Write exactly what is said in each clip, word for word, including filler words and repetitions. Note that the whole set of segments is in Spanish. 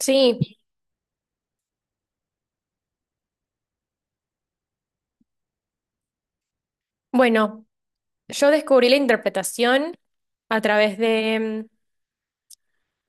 Sí, bueno, yo descubrí la interpretación a través de, mm,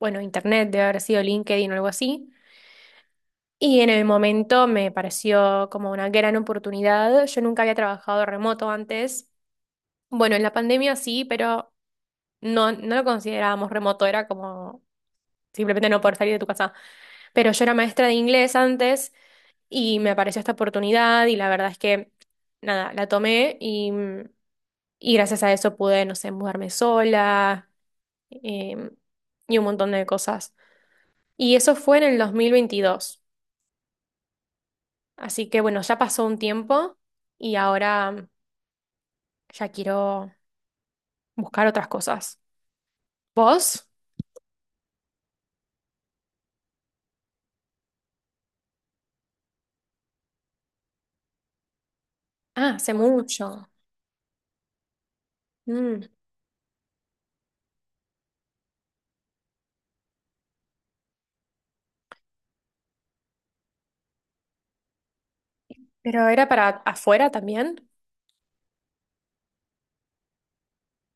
bueno, internet, de haber sido LinkedIn o algo así, y en el momento me pareció como una gran oportunidad. Yo nunca había trabajado remoto antes. Bueno, en la pandemia sí, pero no, no lo considerábamos remoto, era como simplemente no poder salir de tu casa. Pero yo era maestra de inglés antes y me apareció esta oportunidad y la verdad es que, nada, la tomé y, mm, y gracias a eso pude, no sé, mudarme sola em, y un montón de cosas. Y eso fue en el dos mil veintidós. Así que bueno, ya pasó un tiempo y ahora ya quiero buscar otras cosas. ¿Vos? Ah, hace mucho. Mm. Pero era para afuera también.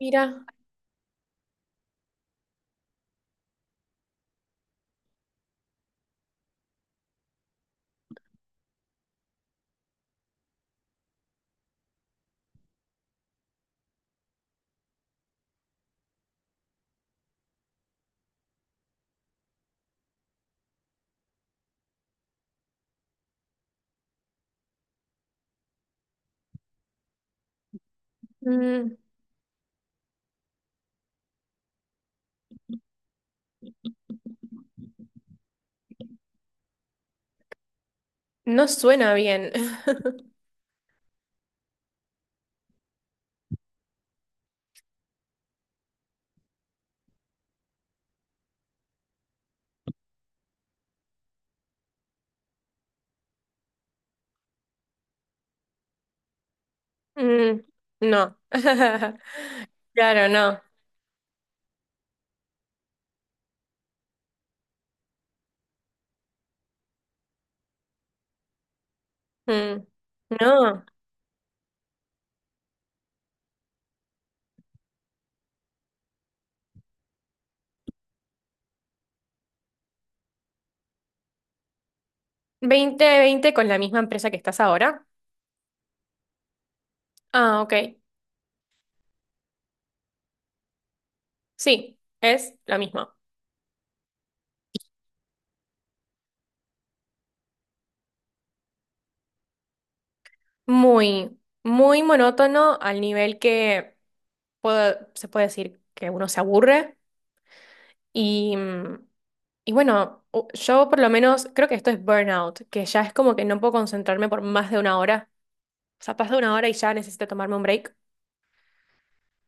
Mira, mm, no suena bien. Mm, no. Claro, no. Mm, no. ¿Veinte veinte con la misma empresa que estás ahora? Ah, ok. Sí, es la misma. Muy, muy monótono al nivel que puedo- se puede decir que uno se aburre y, mm, y bueno, u- yo por lo menos creo que esto es burnout, que ya es como que no puedo concentrarme por más de una hora. O sea, pasa una hora y ya necesito tomarme un break.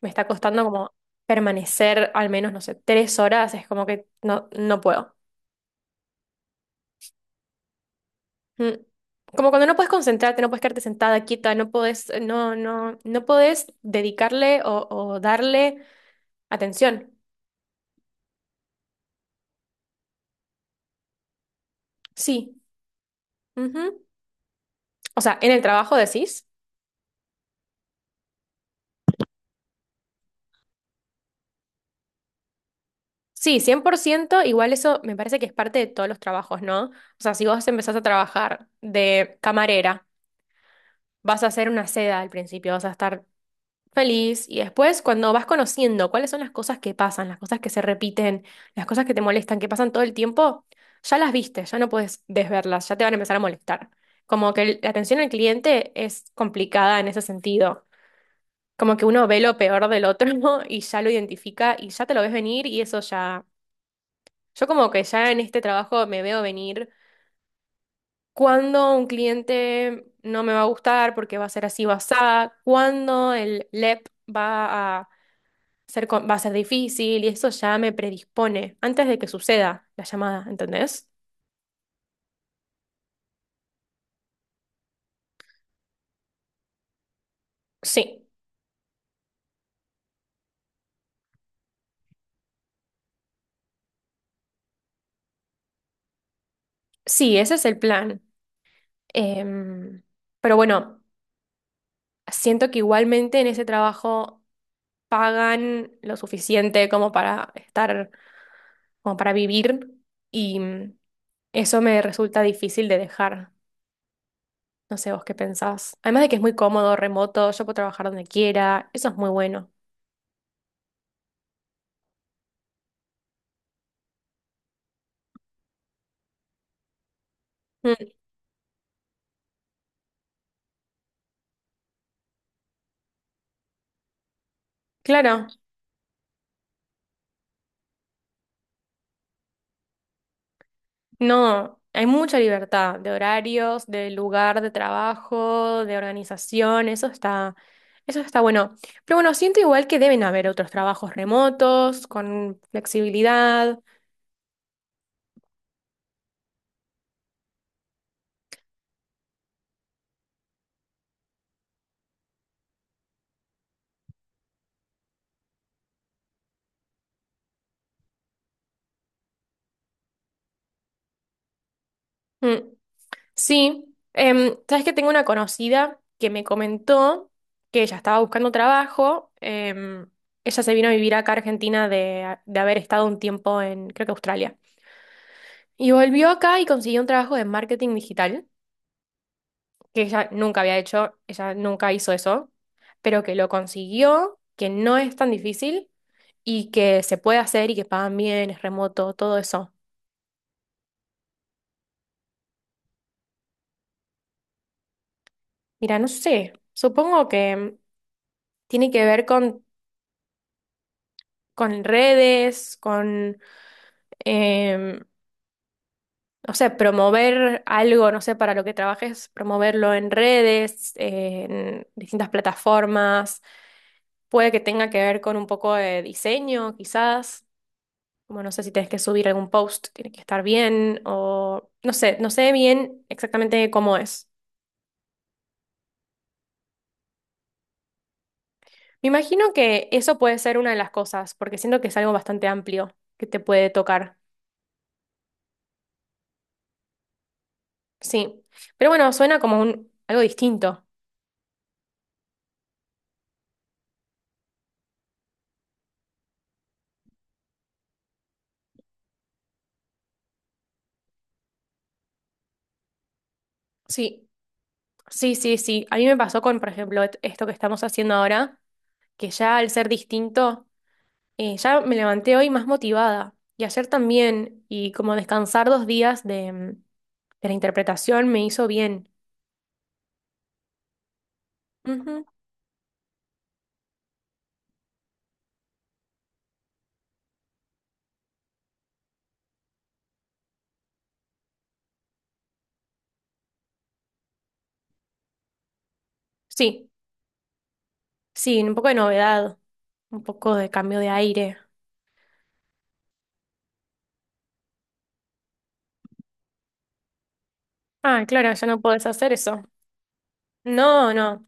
Me está costando como permanecer al menos, no sé, tres horas, es como que no, no puedo. Mm. Como cuando no puedes concentrarte, no puedes quedarte sentada, quieta, no puedes, no, no, no puedes dedicarle o, o darle atención. Sí. Ujú. O sea, en el trabajo decís. Sí, cien por ciento. Igual eso me parece que es parte de todos los trabajos, ¿no? O sea, si vos empezás a trabajar de camarera, vas a hacer una seda al principio, vas a estar feliz. Y después, cuando vas conociendo cuáles son las cosas que pasan, las cosas que se repiten, las cosas que te molestan, que pasan todo el tiempo, ya las viste, ya no puedes desverlas, ya te van a empezar a molestar. Como que el- la atención al cliente es complicada en ese sentido. Como que uno ve lo peor del otro y ya lo identifica y ya te lo ves venir y eso ya... Yo como que ya en este trabajo me veo venir cuando un cliente no me va a gustar porque va a ser así, va a cuando el L E P va a ser co- va a ser difícil y eso ya me predispone antes de que suceda la llamada, ¿entendés? Sí, sí, ese es el plan. Em, pero bueno, siento que igualmente en ese trabajo pagan lo suficiente como para estar, como para vivir y mm, eso me resulta difícil de dejar. No sé vos qué pensás. Además de que es muy cómodo, remoto, yo puedo trabajar donde quiera, eso es muy bueno. Mm, claro. No, hay mucha libertad de horarios, de lugar de trabajo, de organización, eso está, eso está bueno. Pero bueno, siento igual que deben haber otros trabajos remotos, con flexibilidad. Mm. Sí. Em, sabes que tengo una conocida que me comentó que ella estaba buscando trabajo. em, Ella se vino a vivir acá a Argentina de, de haber estado un tiempo en, creo que Australia. Y volvió acá y consiguió un trabajo de marketing digital, que ella nunca había hecho, ella nunca hizo eso, pero que lo consiguió, que no es tan difícil y que se puede hacer y que pagan bien, es remoto, todo eso. Mira, no sé, supongo que mm, tiene que ver con, con redes, con, eh, o sea, promover algo, no sé, para lo que trabajes, promoverlo en redes, en distintas plataformas. Puede que tenga que ver con un poco de diseño, quizás. Como no sé si tenés que subir algún post, tiene que estar bien o no sé, no sé bien exactamente cómo es. Me imagino que eso puede ser una de las cosas, porque siento que es algo bastante amplio que te puede tocar. Sí. Pero bueno, suena como un algo distinto. Sí, sí, sí, sí. A mí me pasó con, por ejemplo, et- esto que estamos haciendo ahora, que ya al ser distinto, eh, ya me levanté hoy más motivada. Y ayer también, y como descansar dos días de, mm, de la interpretación me hizo bien. Ujú. Sí. Sí, un poco de novedad, un poco de cambio de aire. Ah, claro, ya no podés hacer eso. No, no.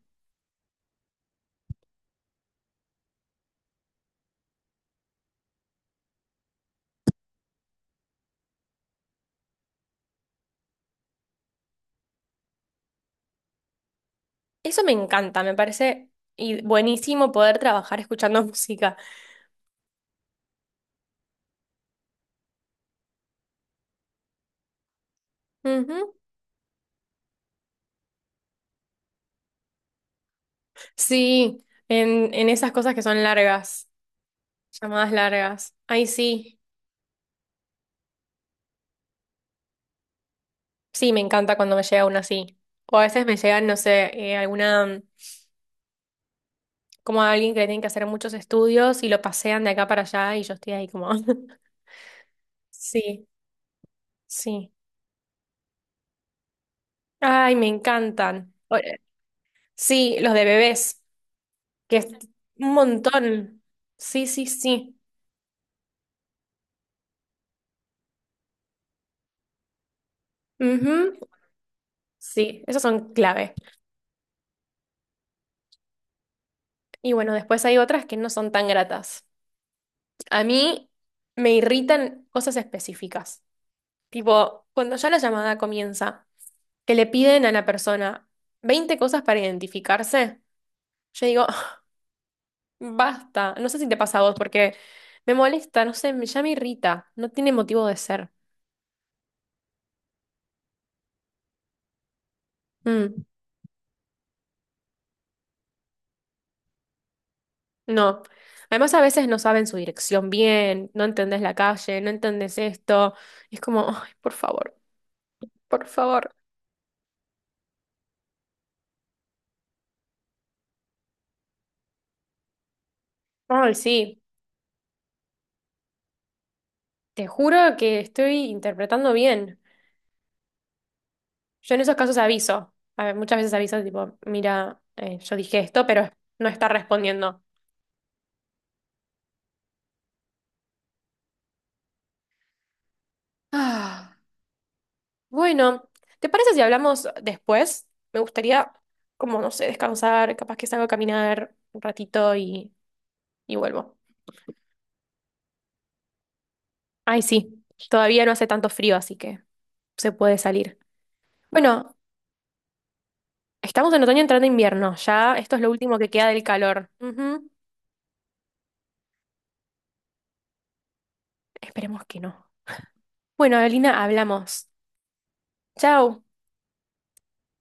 Eso me encanta, me parece y- buenísimo poder trabajar escuchando música. Ujú. Sí, en, en esas cosas que son largas, llamadas largas. Ay, sí. Sí, me encanta cuando me llega una así. O a veces me llegan, no sé, eh, alguna, como a alguien que le tienen que hacer muchos estudios y lo pasean de acá para allá y yo estoy ahí como. Sí, sí. Ay, me encantan. Sí, los de bebés, que es un montón. Sí, sí, sí. Ujú. Sí, esos son clave. Y bueno, después hay otras que no son tan gratas. A mí me irritan cosas específicas. Tipo, cuando ya la llamada comienza, que le piden a la persona veinte cosas para identificarse, yo digo, "Ah, basta". No sé si te pasa a vos, porque me molesta, no sé, me- ya me irrita. No tiene motivo de ser. Mm. No. Además, a veces no saben su dirección bien, no entendés la calle, no entendés esto. Es como, ay, por favor, por favor. Ay, sí, te juro que estoy interpretando bien. Yo en esos casos aviso. A ver, muchas veces aviso, tipo, mira, eh, yo dije esto, pero no está respondiendo. Ah, bueno, ¿te parece si hablamos después? Me gustaría, como, no sé, descansar, capaz que salgo a caminar un ratito y, y vuelvo. Ay, sí, todavía no hace tanto frío, así que se puede salir. Bueno, estamos en otoño entrando invierno, ya esto es lo último que queda del calor. Ujú. Esperemos que no. Bueno, Evelina, hablamos. Chao.